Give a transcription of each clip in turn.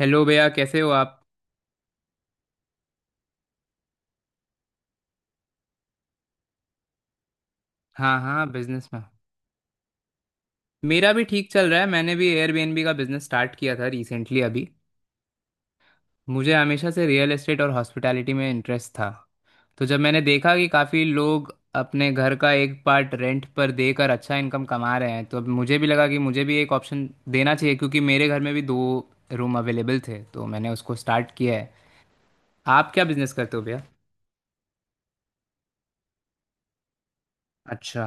Hello भैया, कैसे हो आप? हाँ, हाँ, बिजनेस में। मेरा भी ठीक चल रहा है। मैंने भी एयरबीएनबी का बिजनेस स्टार्ट किया था रिसेंटली अभी। मुझे हमेशा से रियल एस्टेट और हॉस्पिटैलिटी में इंटरेस्ट था। तो जब मैंने देखा कि काफ़ी लोग अपने घर का एक पार्ट रेंट पर देकर अच्छा इनकम कमा रहे हैं, तो अब मुझे भी लगा कि मुझे भी एक ऑप्शन देना चाहिए, क्योंकि मेरे घर में भी दो रूम अवेलेबल थे, तो मैंने उसको स्टार्ट किया है। आप क्या बिजनेस करते हो भैया? अच्छा।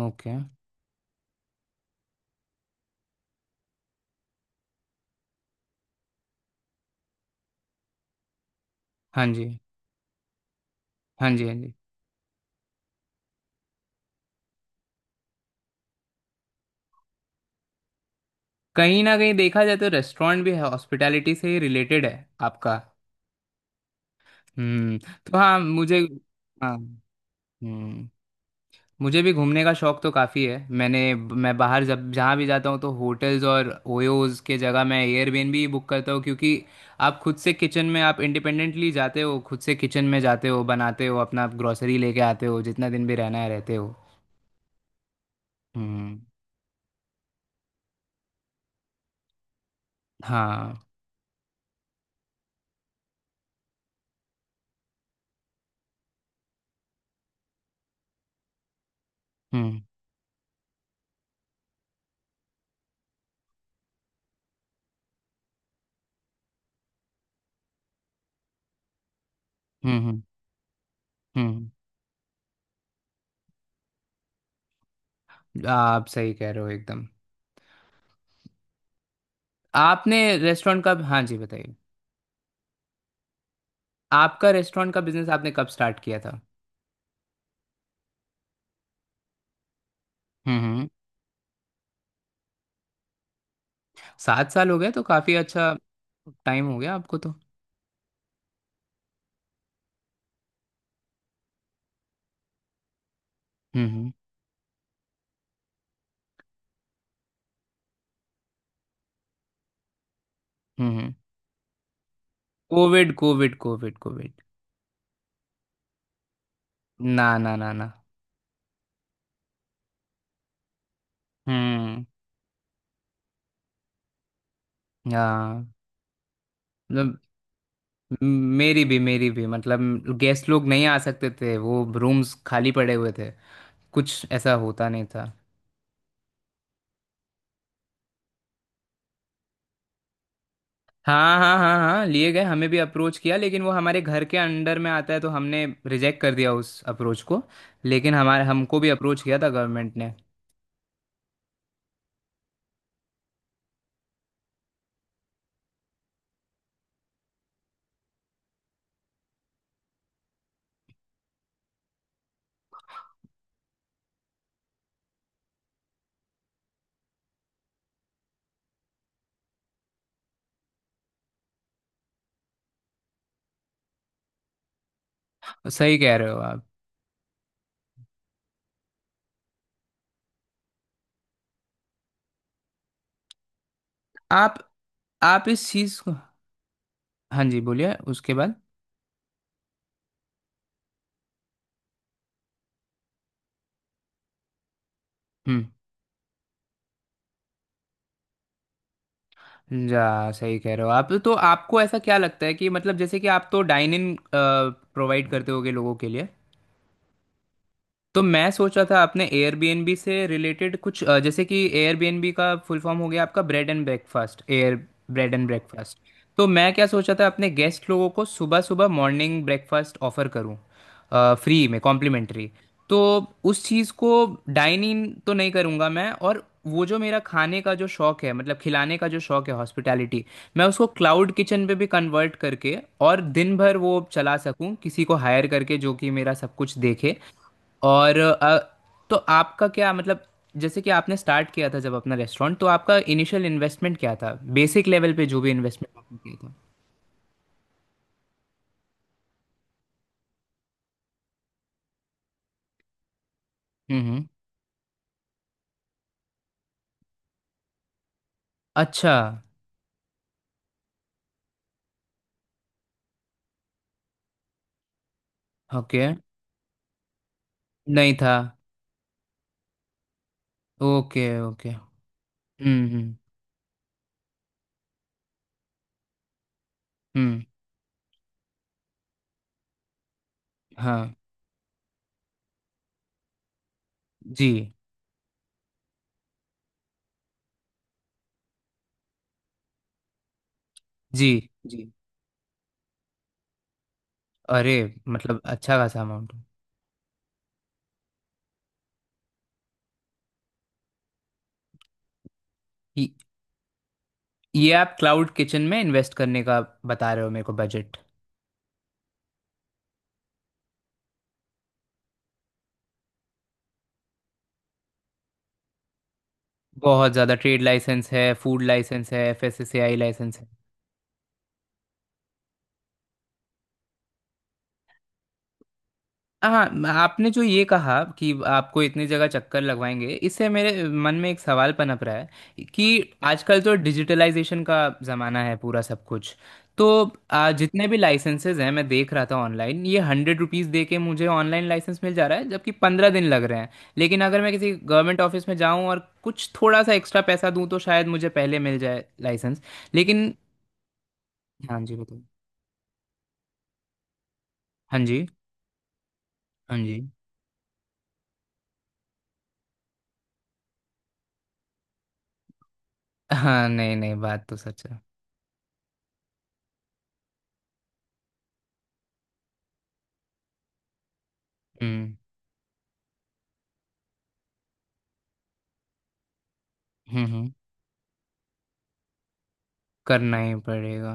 ओके। हाँ जी। हाँ जी। हाँ जी। कहीं ना कहीं देखा जाए तो रेस्टोरेंट भी है, हॉस्पिटैलिटी से ही रिलेटेड है आपका। हम्म। तो हाँ मुझे। हाँ। हम्म। मुझे भी घूमने का शौक तो काफ़ी है। मैं बाहर जब जहाँ भी जाता हूँ तो होटल्स और ओयोज के जगह मैं एयरबीएनबी ही बुक करता हूँ, क्योंकि आप खुद से किचन में, आप इंडिपेंडेंटली जाते हो, खुद से किचन में जाते हो, बनाते हो, अपना ग्रोसरी लेके आते हो, जितना दिन भी रहना है रहते हो। हम्म। हाँ। हम्म। हम्म। हम्म। हम्म, आप सही कह रहे हो एकदम। आपने रेस्टोरेंट का हाँ जी, बताइए। आपका रेस्टोरेंट का बिजनेस आपने कब स्टार्ट किया था? हम्म। हम्म। 7 साल हो गए, तो काफी अच्छा टाइम हो गया आपको तो। हम्म। हम्म। हम्म। Covid, covid, covid, covid. ना, ना, ना, ना। हम्म। हाँ। मतलब, मेरी भी, मेरी भी, मतलब गेस्ट लोग नहीं आ सकते थे, वो रूम्स खाली पड़े हुए थे, कुछ ऐसा होता नहीं था। हाँ, हाँ, हाँ, हाँ, लिए गए। हमें भी अप्रोच किया, लेकिन वो हमारे घर के अंडर में आता है, तो हमने रिजेक्ट कर दिया उस अप्रोच को। लेकिन हमारे हमको भी अप्रोच किया था गवर्नमेंट ने। सही कह रहे हो आप। आप आप इस चीज़ को। हाँ जी, बोलिए उसके बाद। हम्म। जा सही कह रहे हो आप तो। आपको ऐसा क्या लगता है कि मतलब, जैसे कि आप तो डाइन इन प्रोवाइड करते होगे लोगों के लिए? तो मैं सोच रहा था आपने एयरबीएनबी से रिलेटेड कुछ जैसे कि एयरबीएनबी का फुल फॉर्म हो गया आपका bread and breakfast, air bread and breakfast. तो मैं क्या सोच रहा था अपने गेस्ट लोगों को सुबह सुबह मॉर्निंग ब्रेकफास्ट ऑफर करूं, फ्री में, कॉम्प्लीमेंट्री। तो उस चीज़ को डाइन इन तो नहीं करूंगा मैं, और वो जो मेरा खाने का जो शौक है, मतलब खिलाने का जो शौक है, हॉस्पिटैलिटी, मैं उसको क्लाउड किचन पे भी कन्वर्ट करके और दिन भर वो चला सकूं, किसी को हायर करके जो कि मेरा सब कुछ देखे। और तो आपका क्या मतलब, जैसे कि आपने स्टार्ट किया था जब अपना रेस्टोरेंट, तो आपका इनिशियल इन्वेस्टमेंट क्या था? बेसिक लेवल पे जो भी इन्वेस्टमेंट आपने किया था। Hmm hmm. अच्छा। ओके। नहीं था। Okay, okay. हम्म। हम्म। हाँ। जी, जी, जी। अरे, मतलब अच्छा खासा अमाउंट, ये ये आप क्लाउड किचन में इन्वेस्ट करने का बता रहे हो मेरे को बजट। बहुत ज़्यादा। ट्रेड लाइसेंस है, फूड लाइसेंस है, एफएससीआई लाइसेंस है। हाँ, आपने जो ये कहा कि आपको इतनी जगह चक्कर लगवाएंगे, इससे मेरे मन में एक सवाल पनप रहा है कि आजकल तो डिजिटलाइजेशन का ज़माना है पूरा, सब कुछ। तो जितने भी लाइसेंसेज हैं, मैं देख रहा था ऑनलाइन ये 100 रुपीज़ दे के मुझे ऑनलाइन लाइसेंस मिल जा रहा है, जबकि 15 दिन लग रहे हैं। लेकिन अगर मैं किसी गवर्नमेंट ऑफिस में जाऊं और कुछ थोड़ा सा एक्स्ट्रा पैसा दूं, तो शायद मुझे पहले मिल जाए लाइसेंस। लेकिन हाँ जी, बताइए। हाँ जी। हाँ जी। हाँ, नहीं, नहीं, बात तो सच है। हम्म। हम्म। हम्म। करना ही पड़ेगा।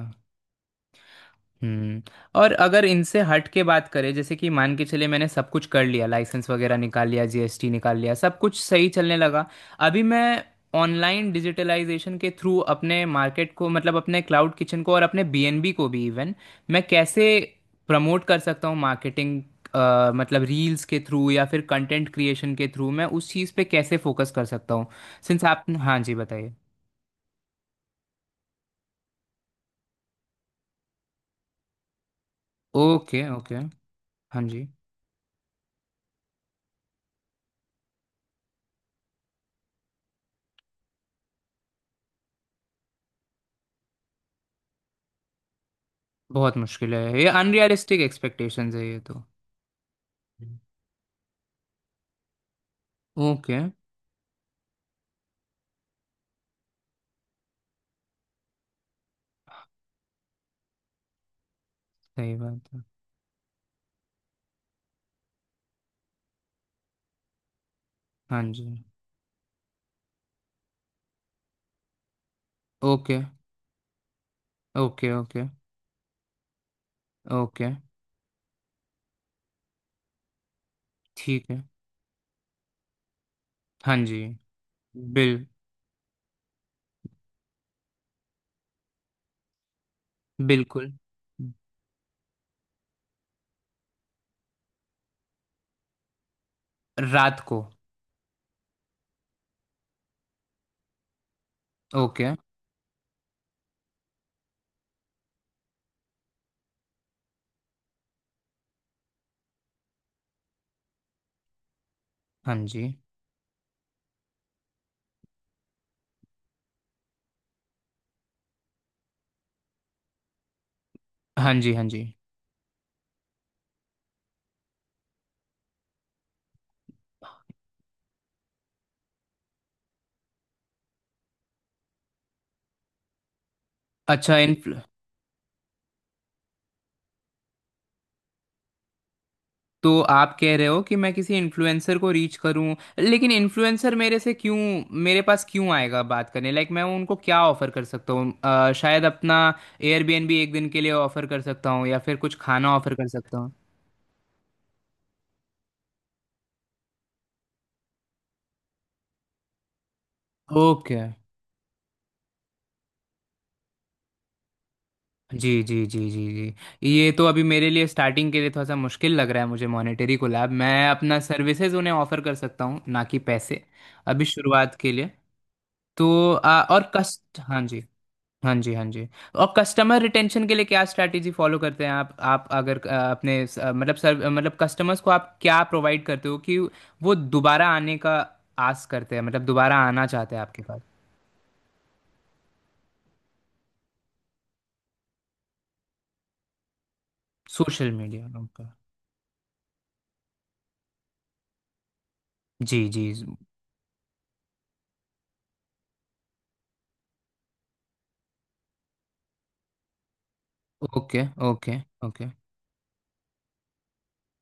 हम्म। और अगर इनसे हट के बात करें, जैसे कि मान के चले मैंने सब कुछ कर लिया, लाइसेंस वगैरह निकाल लिया, जीएसटी निकाल लिया, सब कुछ सही चलने लगा। अभी मैं ऑनलाइन डिजिटलाइजेशन के थ्रू अपने मार्केट को, मतलब अपने क्लाउड किचन को और अपने बीएनबी को भी, इवन, मैं कैसे प्रमोट कर सकता हूँ? मार्केटिंग मतलब रील्स के थ्रू या फिर कंटेंट क्रिएशन के थ्रू मैं उस चीज़ पे कैसे फोकस कर सकता हूँ? सिंस आप हाँ जी, बताइए। Okay, okay. हाँ जी। बहुत मुश्किल है, ये अनरियलिस्टिक एक्सपेक्टेशंस है ये तो। ओके। सही बात है। हाँ जी। Okay, okay. Okay, okay. ठीक है। हाँ जी। बिल बिल्कुल। रात को। ओके। हाँ जी। हाँ जी। हाँ जी। अच्छा। इन तो आप कह रहे हो कि मैं किसी इन्फ्लुएंसर को रीच करूं, लेकिन इन्फ्लुएंसर मेरे से क्यों, मेरे पास क्यों आएगा बात करने? लाइक मैं उनको क्या ऑफर कर सकता हूँ? शायद अपना एयरबीएनबी एक दिन के लिए ऑफर कर सकता हूँ या फिर कुछ खाना ऑफर कर सकता हूँ। ओके। जी, जी, जी, जी, जी, ये तो अभी मेरे लिए स्टार्टिंग के लिए थोड़ा सा मुश्किल लग रहा है। मुझे मॉनेटरी कोलैब, मैं अपना सर्विसेज उन्हें ऑफर कर सकता हूँ, ना कि पैसे, अभी शुरुआत के लिए। तो और कस्ट हाँ जी। हाँ जी। हाँ जी। और कस्टमर रिटेंशन के लिए क्या स्ट्रैटेजी फॉलो करते हैं आप? आप अगर अपने मतलब सर, मतलब कस्टमर्स को आप क्या प्रोवाइड करते हो कि वो दोबारा आने का आस करते हैं, मतलब दोबारा आना चाहते हैं आपके पास? सोशल मीडिया उनका। जी, जी। Okay, okay, okay.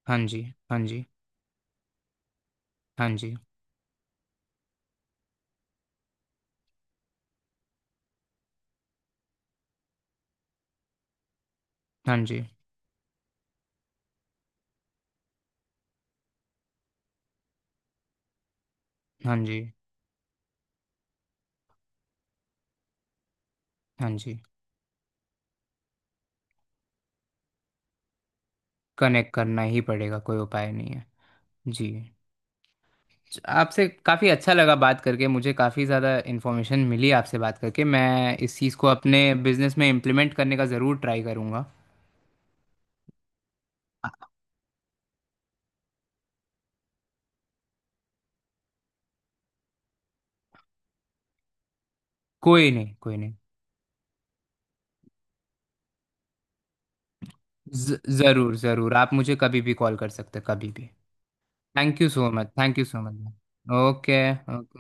हाँ जी। हाँ जी। हाँ जी। हाँ जी। हाँ जी। हाँ जी। कनेक्ट करना ही पड़ेगा, कोई उपाय नहीं है। जी। आपसे काफ़ी अच्छा लगा बात करके, मुझे काफ़ी ज़्यादा इन्फॉर्मेशन मिली आपसे बात करके। मैं इस चीज़ को अपने बिजनेस में इम्प्लीमेंट करने का ज़रूर ट्राई करूँगा। कोई नहीं, कोई नहीं। ज़रूर, ज़रूर। आप मुझे कभी भी कॉल कर सकते हैं, कभी भी। Thank you so much. Thank you so much. Okay. Okay.